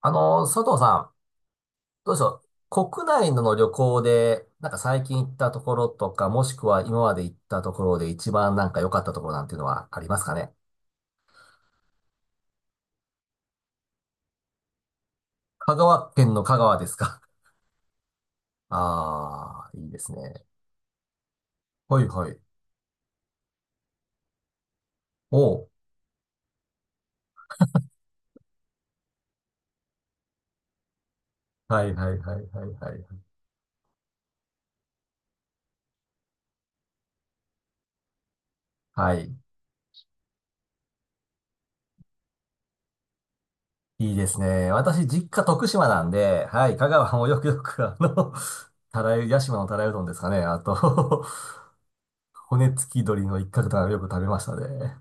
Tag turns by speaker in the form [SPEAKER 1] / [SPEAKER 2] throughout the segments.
[SPEAKER 1] 佐藤さん、どうでしょう。国内の旅行で、なんか最近行ったところとか、もしくは今まで行ったところで一番なんか良かったところなんていうのはありますかね。香川県の香川ですか。ああ、いいですね。はいはい。おう。はいはいはいはいはい。はい。いいですね。私、実家徳島なんで、はい、香川もよくよく、たらゆ、屋島のたらいうどんですかね。あと 骨付き鶏の一角とかよく食べましたね。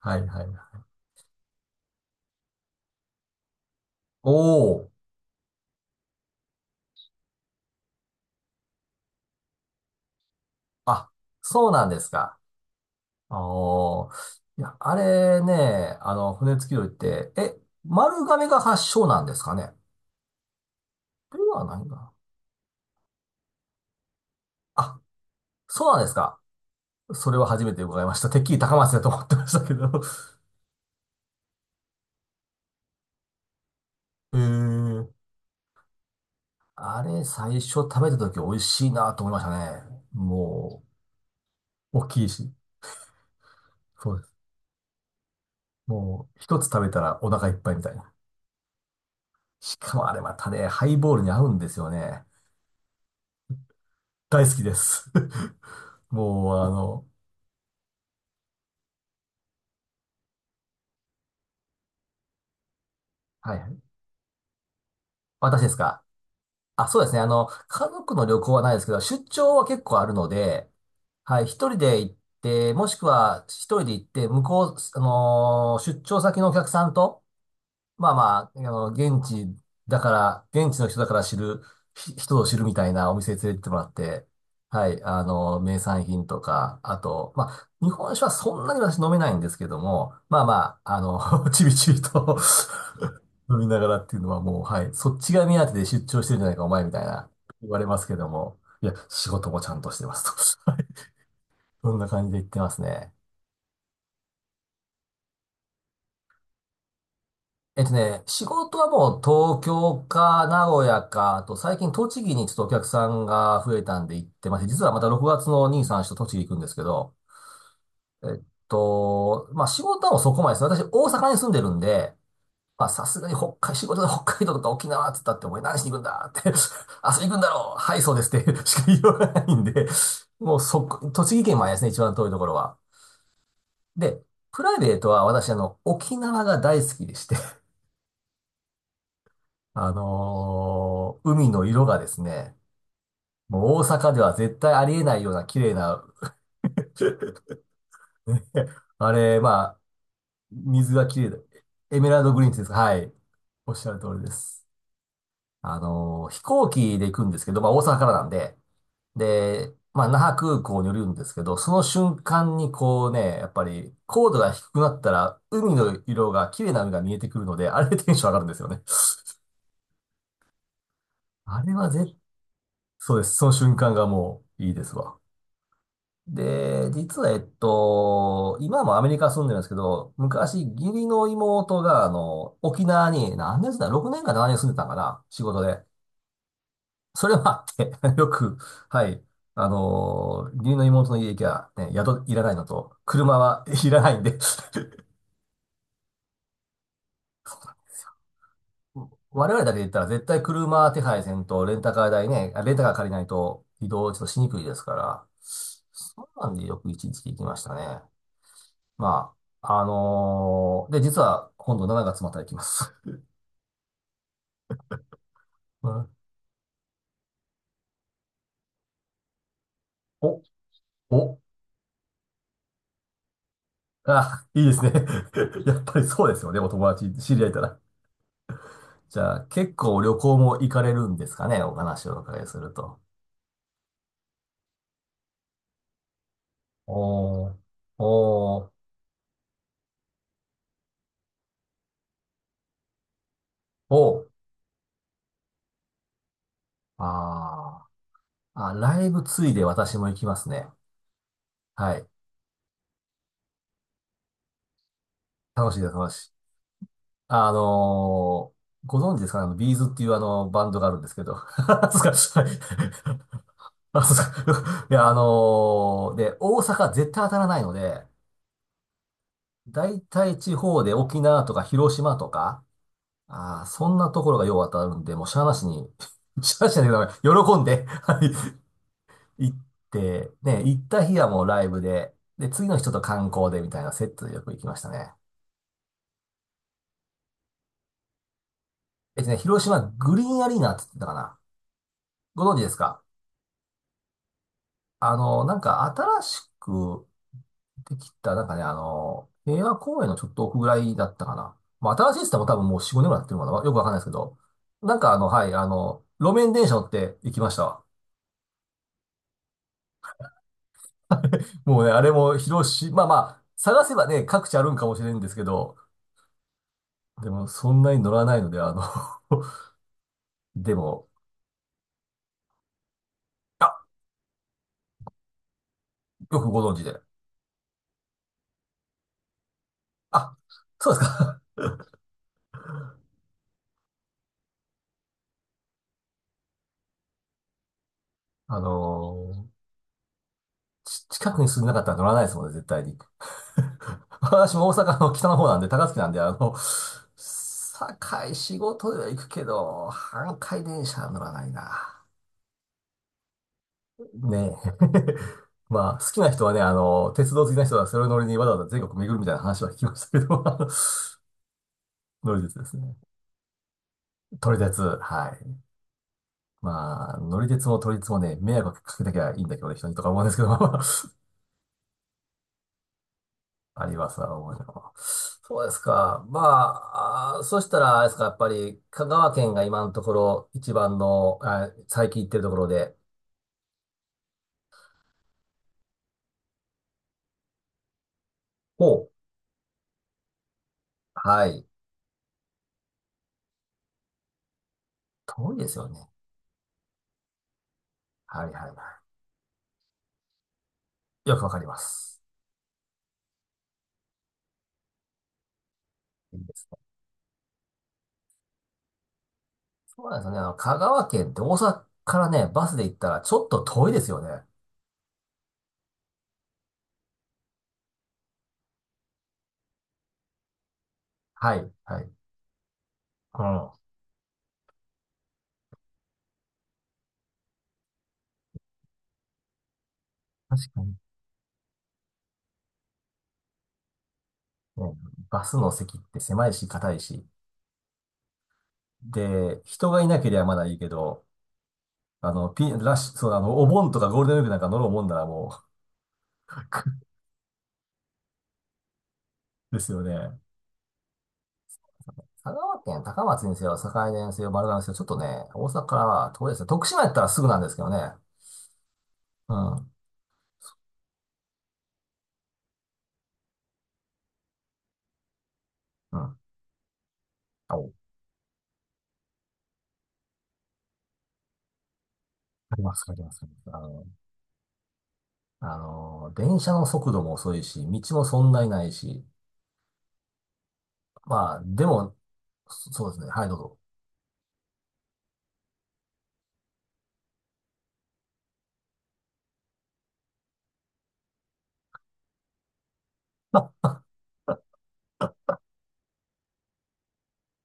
[SPEAKER 1] はいはい。おお。あ、そうなんですか。おー。いや、あれね、骨付き鳥って、丸亀が発祥なんですかね。ではないな。あ、そうなんですか。それは初めて伺いました。てっきり高松だと思ってましたけど。へー。あれ、最初食べた時美味しいなと思いましたね。もう、大きいし。そうです。もう、一つ食べたらお腹いっぱいみたいな。しかもあれまたね、ハイボールに合うんですよね。大好きです。もう、はい。私ですか。あ、そうですね。家族の旅行はないですけど、出張は結構あるので、はい、一人で行って、向こう、出張先のお客さんと、まあまあ、現地の人だから知る、人を知るみたいなお店に連れてってもらって、はい、名産品とか、あと、まあ、日本酒はそんなに私飲めないんですけども、まあまあ、ちびちびと 飲みながらっていうのはもう、はい、そっちが目当てで出張してるんじゃないか、お前みたいな、言われますけども、いや、仕事もちゃんとしてますと。そんな感じで言ってますね。仕事はもう東京か名古屋か、あと最近栃木にちょっとお客さんが増えたんで行ってまして、実はまた6月のにさん3と栃木行くんですけど、えっまあ仕事はもうそこまでです。私大阪に住んでるんで、まあさすがに仕事で北海道とか沖縄って言ったってお前何しに行くんだって、遊びに行くんだろう、はいそうですって しか言わないんで、もう栃木県までですね、一番遠いところは。で、プライベートは私沖縄が大好きでして、海の色がですね、もう大阪では絶対ありえないような綺麗な、あれ、まあ、水が綺麗だ。エメラルドグリーンです。はい。おっしゃる通りです。飛行機で行くんですけど、まあ大阪からなんで、で、まあ那覇空港に降りるんですけど、その瞬間にこうね、やっぱり高度が低くなったら、海の色が、綺麗な海が見えてくるので、あれでテンション上がるんですよね。あれはぜ、そうです。その瞬間がもういいですわ。で、実は、今もアメリカ住んでるんですけど、昔、義理の妹が、沖縄に、何年住んだ？ 6 年か7年住んでたんかな仕事で。それもあって よく、はい、義理の妹の家行きゃ、ね、宿いらないのと、車はいらないんで 我々だけで言ったら絶対車手配せんと、レンタカー代ね、レンタカー借りないと移動ちょっとしにくいですから、そんなんでよく一日行きましたね。まあ、で、実は今度7月また行きます。うん。お、お、あ、いいですね。やっぱりそうですよね、お友達、知り合えたら。じゃあ、結構旅行も行かれるんですかね、お話をお伺いすると。おー、おー、おー、あー、あ、ライブついで私も行きますね。はい。楽しいです、楽しい。ご存知ですかね、ビーズっていうバンドがあるんですけど。そうですか。はい。 あ、そうか。いや、で、大阪絶対当たらないので、大体地方で沖縄とか広島とか、ああ、そんなところがよう当たるんで、もうしゃあなしに、しゃあなしに、喜んで、はい、行って、ね、行った日はもうライブで、で、次の日ちょっと観光でみたいなセットでよく行きましたね。広島グリーンアリーナって言ってたかな。ご存知ですか？なんか新しく、ってきた、なんかね、平和公園のちょっと奥ぐらいだったかな。まあ、新しいっつっても多分もう4、5年ぐらいやってるのかな。よくわかんないですけど。なんかはい、路面電車乗って行きましたわ。もうね、あれも広し、まあまあ、探せばね、各地あるんかもしれんですけど、でもそんなに乗らないので、でも、あ、よくご存知で。あ、そうですか。あのー近くに住んでなかったら乗らないですもんね、絶対に。私も大阪の北の方なんで、高槻なんで、堺仕事では行くけど、阪堺電車は乗らないな。ねえ。まあ、好きな人はね、鉄道好きな人はそれを乗りにわざわざ全国巡るみたいな話は聞きましたけど、乗り鉄ですね。撮り鉄、はい。まあ、乗り鉄も撮り鉄もね、迷惑かけなきゃいいんだけどね、人にとか思うんですけど、あります、なるほど。そうですか。まあ、そしたら、あれですか、やっぱり、香川県が今のところ、一番の、あ最近行ってるところで、ほう。はい。遠いですよね。はいはいはい。よくわかります。いいですね。そうなんですよね。あの香川県って大阪からね、バスで行ったらちょっと遠いですよね。はい、はい。うん。確かに。ね、バスの席って狭いし、硬いし。で、人がいなければまだいいけど、ラッシュ、そう、お盆とかゴールデンウィークなんか乗ろうもんならもう ですよね。香川県高松にせよ、堺田にせよ、丸亀にせよ、ちょっとね、大阪からは遠いですね。徳島やったらすぐなんですけどね。うん。うん。あります、あります。ありますあの、電車の速度も遅いし、道もそんなにないし、まあ、でも、そうですね。はい、どうぞ。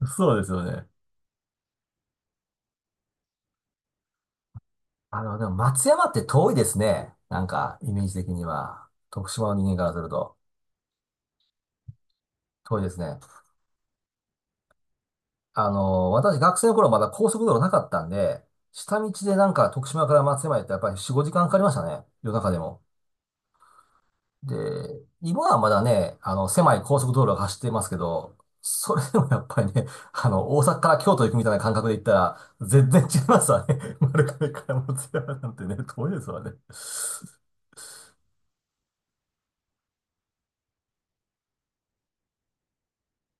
[SPEAKER 1] そうですよね。でも松山って遠いですね。なんか、イメージ的には。徳島の人間からすると、遠いですね。私学生の頃まだ高速道路なかったんで、下道でなんか徳島から松山へってやっぱり4、5時間かかりましたね。夜中でも。で、今はまだね、狭い高速道路が走ってますけど、それでもやっぱりね、大阪から京都行くみたいな感覚で行ったら、全然違いますわね。丸亀から松山なんてね、遠いですわね。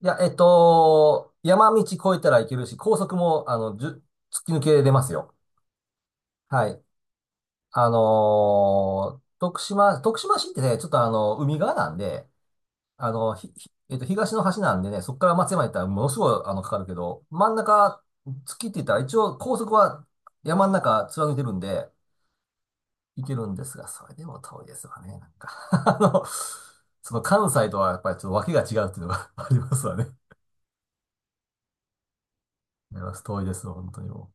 [SPEAKER 1] いや、山道越えたらいけるし、高速も、突き抜けれますよ。はい。徳島市ってね、ちょっと海側なんで、あの、ひ、ひえっと、東の端なんでね、そこから松山行ったらものすごい、かかるけど、真ん中、月って言ったら一応高速は山の中貫いてるんで、行けるんですが、それでも遠いですわね、なんか その関西とはやっぱりちょっと訳が違うっていうのが ありますわね。あります。遠いですわ、本当にもう。